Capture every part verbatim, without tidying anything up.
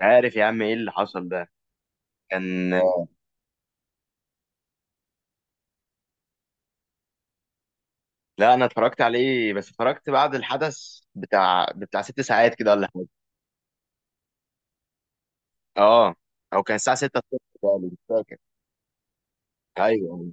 عارف يا عم ايه اللي حصل ده كان لا انا اتفرجت عليه بس اتفرجت بعد الحدث بتاع بتاع ست ساعات كده ولا حاجه. اه او كان الساعه ستة الصبح تقريباً، مش فاكر. ايوه ايوه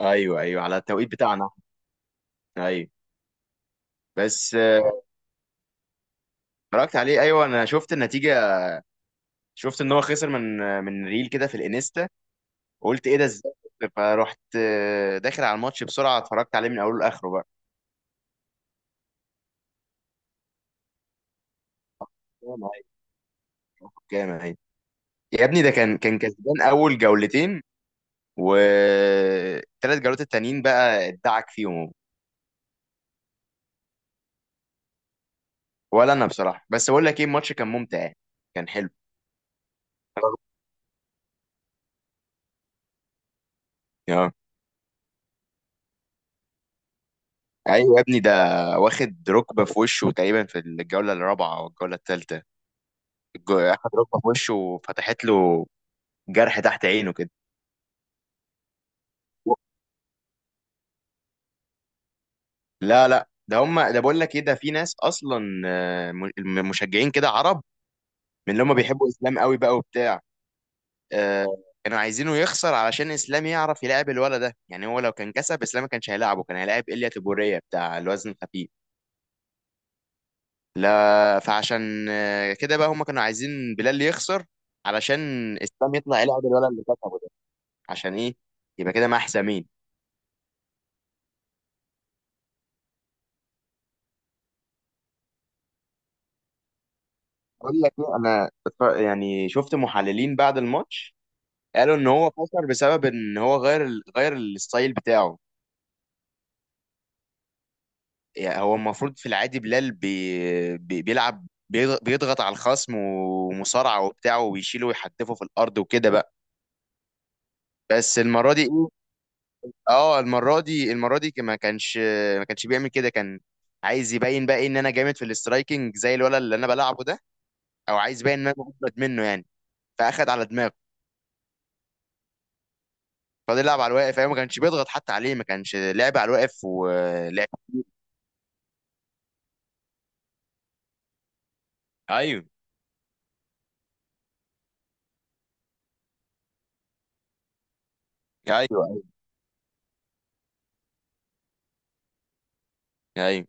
ايوه أيوه، على التوقيت بتاعنا. ايوه بس آه، اتفرجت عليه ايوه انا شفت النتيجه، شفت ان هو خسر من آه، من ريل كده في الانستا. قلت ايه ده، ازاي خسر؟ فرحت، آه، داخل على الماتش بسرعه اتفرجت عليه من اوله لاخره بقى. كام أهي، كام أهي. يا ابني ده كان كان كسبان اول جولتين والثلاث جولات التانيين بقى ادعك فيهم. ولا انا بصراحه، بس بقول لك ايه، الماتش كان ممتع، كان حلو. اه ايوه يا ابني ده واخد ركبه في وشه تقريبا في الجوله الرابعه او الجوله الثالثه، اخد ركبه في وشه وفتحت له جرح تحت عينه كده. لا لا ده هم ده بقول لك ايه، ده في ناس اصلا آه، م- مشجعين كده عرب، من اللي هم بيحبوا الاسلام قوي بقى وبتاع. آه، كانوا عايزينه يخسر علشان اسلام يعرف يلعب الولد ده. يعني هو لو كان كسب اسلام ما كانش هيلاعبه، كان هيلاعب ايليا تيبوريا بتاع الوزن الخفيف. لا فعشان آه، كده بقى هم كانوا عايزين بلال يخسر، علشان اسلام يطلع يلعب الولد اللي كسبه ده. عشان ايه؟ يبقى كده مع حسامين. اقول لك ايه، انا اتف- يعني شفت محللين بعد الماتش قالوا ان هو خسر بسبب ان هو غير ال- غير الستايل بتاعه. يعني هو المفروض في العادي بلال بي... بي... بيلعب، بيض- بيضغط على الخصم ومصارعة وبتاع وبيشيله ويحدفه في الأرض وكده بقى. بس المرة دي إيه؟ اه المرة دي، المرة دي ما كانش ما كانش بيعمل كده. كان عايز يبين بقى إيه، ان انا جامد في الاسترايكنج زي الولد اللي انا بلعبه ده، او عايز يبين ان انا مجمد منه يعني، فاخد على دماغه. فضل يلعب على الواقف ايوه، ما كانش بيضغط حتى عليه، ما كانش لعب على الواقف ولعب. ايوه ايوه ايوه ايوه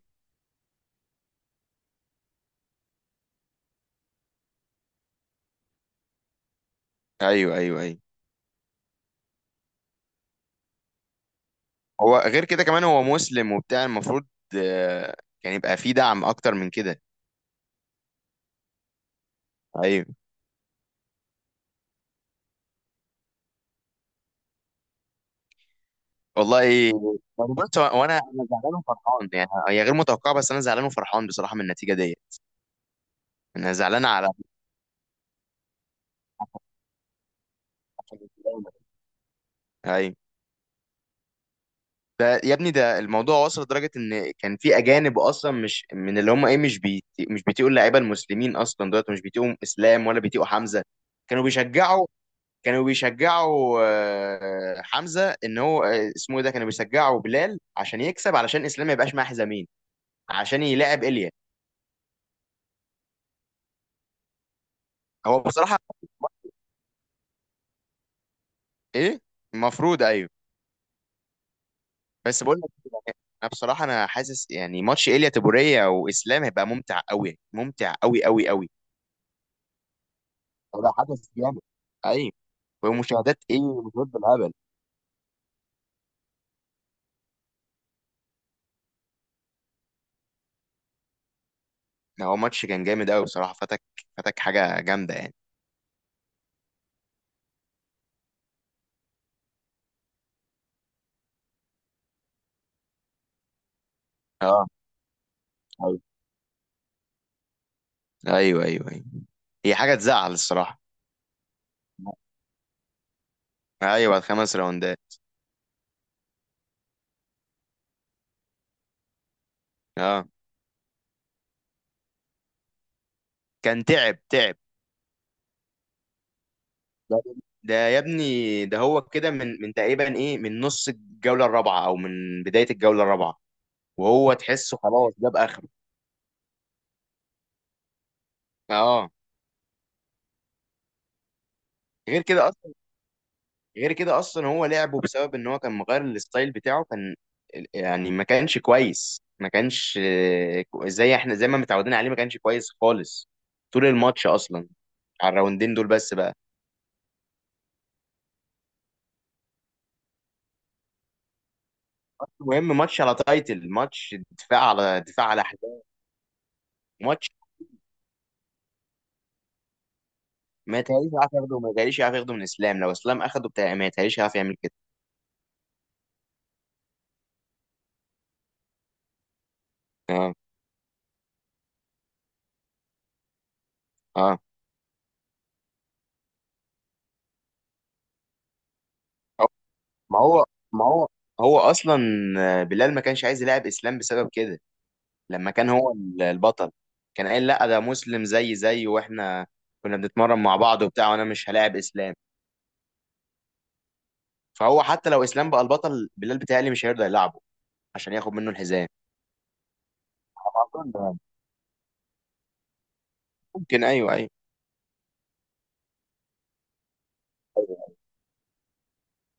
ايوه ايوه، أيوة. هو غير كده كمان هو مسلم وبتاع، المفروض آه، كان يبقى فيه دعم اكتر من كده. ايوه والله إيه، بص هو- وانا انا زعلان وفرحان، يعني هي غير متوقعه بس انا زعلان وفرحان بصراحه من النتيجه دي. انا زعلان على ايوه ده يا ابني ده الموضوع وصل لدرجه ان كان في اجانب اصلا، مش من اللي هم ايه، مش بي مش بيتقوا اللعيبه المسلمين اصلا دلوقتي، مش بيتقوا اسلام ولا بيتقوا حمزه. كانوا بيشجعوا كانوا بيشجعوا آه، حمزه، ان هو آه، اسمه ايه ده، كانوا بيشجعوا بلال عشان يكسب، علشان اسلام ما يبقاش معاه حزامين، عشان يلاعب ايليا. هو بصراحه ايه؟ المفروض ايوه. بس بقول لك، انا بصراحه انا حاسس يعني ماتش ايليا تبوريه واسلام هيبقى ممتع قوي، ممتع قوي قوي قوي. هو حدث جامد، ايوه. ومشاهدات ايه، مشاهدات بالهبل. هو ماتش كان جامد قوي بصراحه، فاتك، فاتك حاجه جامده يعني. اه ايوه ايوه ايوه، أيوة. هي حاجه تزعل الصراحه. ايوه الخمس راوندات. اه كان تعب، تعب. ده ده يا ابني ده هو كده من من تقريبا ايه، من نص الجولة الرابعة او من بداية الجولة الرابعة، وهو تحسه خلاص جاب اخره. اه غير كده اصلا، غير كده اصلا هو لعبه بسبب ان هو كان مغير الستايل بتاعه. كان يعني ما كانش كويس، ما كانش آه، زي احنا زي ما متعودين عليه. ما كانش كويس خالص طول الماتش اصلا، على الراوندين دول بس بقى. المهم ماتش على تايتل ماتش، دفاع على دفاع على احداث. ما يتهيأليش يعرف ياخده، ما يتهيأليش يعرف ياخده من اسلام. لو اسلام اخده بتاع ما يتهيأليش يعرف يعمل كده. اه اه أو- ما هو ما هو هو اصلا آه، بلال ما كانش عايز يلعب اسلام بسبب كده. لما كان هو ال- البطل كان قايل لا ده مسلم، زي زي واحنا كنا بنتمرن مع بعض وبتاع، وانا مش هلاعب اسلام. فهو حتى لو اسلام بقى البطل، بلال بتهيألي مش هيرضى يلعبه عشان ياخد منه الحزام. أظن يعني. ممكن ايوه ايوه.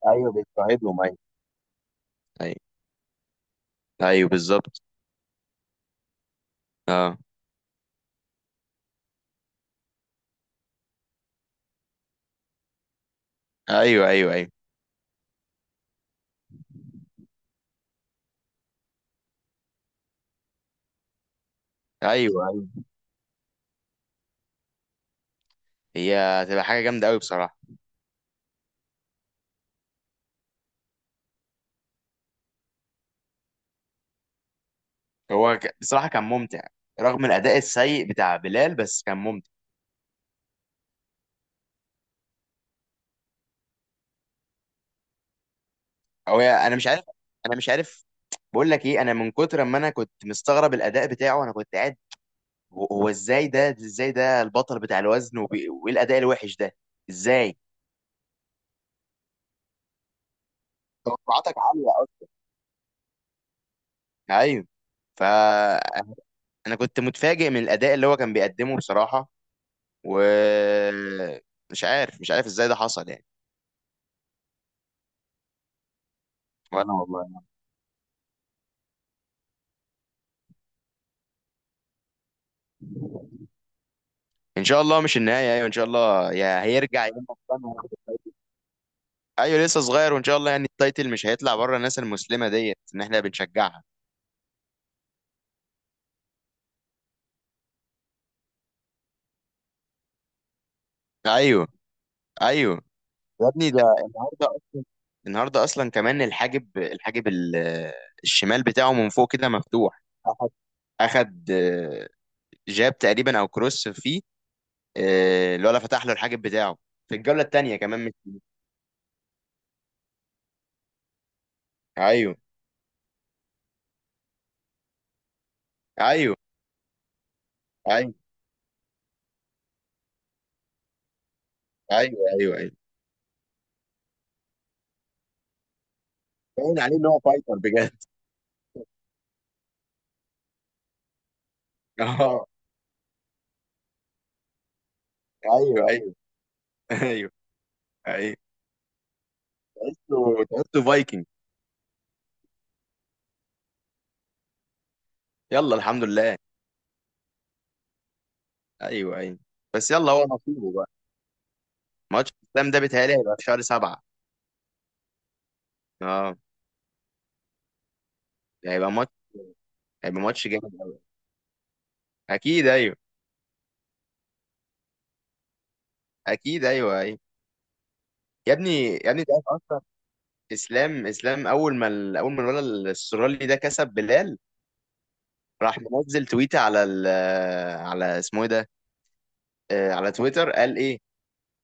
ايوه بيضطهدهم، ايوه. ايوه ايوه بالظبط. اه ايوه ايوه ايوه ايوه أيوه. هي هتبقى حاجة جامدة قوي بصراحة. هو ك... بصراحة كان ممتع، رغم الأداء السيء بتاع بلال بس كان ممتع. هو أنا مش عارف، أنا مش عارف. بقول لك إيه، أنا من كتر ما أنا كنت مستغرب الأداء بتاعه أنا كنت قاعد، هو هو إزاي ده، إزاي ده البطل بتاع الوزن وبي... وإيه الأداء الوحش ده؟ إزاي؟ توقعاتك عالية أصلا. أيوه. ف أنا كنت متفاجئ من الأداء اللي هو كان بيقدمه بصراحة، و مش عارف، مش عارف إزاي ده حصل يعني. وانا والله. ان شاء الله مش النهايه، ايوه ان شاء الله، يا هيرجع يا إما خلاص. ايوه لسه صغير وان شاء الله يعني التايتل مش هيطلع بره الناس المسلمه ديت ان احنا بنشجعها. ايوه ايوه يا ابني ده النهارده اصلا، النهارده اصلا كمان الحاجب الحاجب ال- الشمال بتاعه من فوق كده مفتوح. أخد اخد آه، جاب تقريبا او كروس فيه، آه، الولا فتح له الحاجب بتاعه في الجوله الثانيه كمان، مش. ايوه ايوه ايوه ايوه ايوه ايوه، باين عليه ان هو فايتر بجد. ايوه ايوه. ايوه ايوه ايوه. تحسه، تحسه فايكنج. يلا الحمد لله. ايوه ايوه. بس يلا هو نصيبه بقى. ماتش الاسلام ده بيتهيألي هيبقى في شهر سبعة. اه ده هيبقى ماتش، هيبقى ماتش جامد قوي. اكيد ايوه. اكيد ايوه ايوه. يا ابني، يا ابني انت عارف اصلا، اسلام اسلام اول ما ال- اول ما الولد الاسترالي ده كسب بلال، راح منزل تويته على ال، على اسمه ايه ده، آه على تويتر. قال ايه؟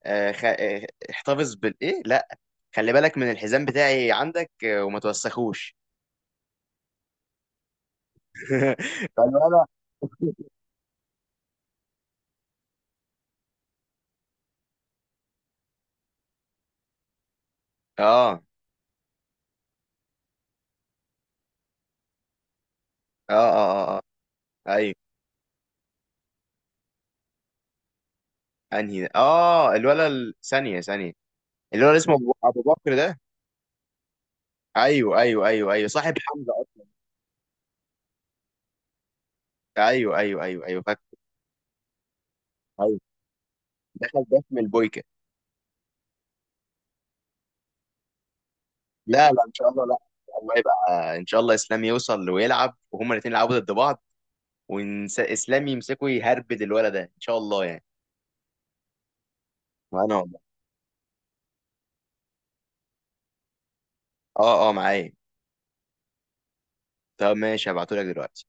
آه خ... آه، احتفظ بالايه، لا، خلي بالك من الحزام بتاعي عندك آه، وما توسخوش. فالولد. اه اه اه اه اه. ايوه انهي ده؟ اه الولا ال- ثانيه، ثانيه. الولا اسمه ابو أبو بكر ده. ايوه ايوه ايوه ايوه صاحب حمزه أصلاً. ايوه ايوه ايوه ايوه فاكر. ايوه دخل باسم البويكا. لا لا ان شاء الله، لا الله، يبقى ان شاء الله اسلام يوصل ويلعب وهما الاثنين يلعبوا ضد بعض، واسلام يمسكه يهربد الولد ده ان شاء الله يعني. وانا والله. اه اه معايا. طب ماشي هبعتهولك دلوقتي.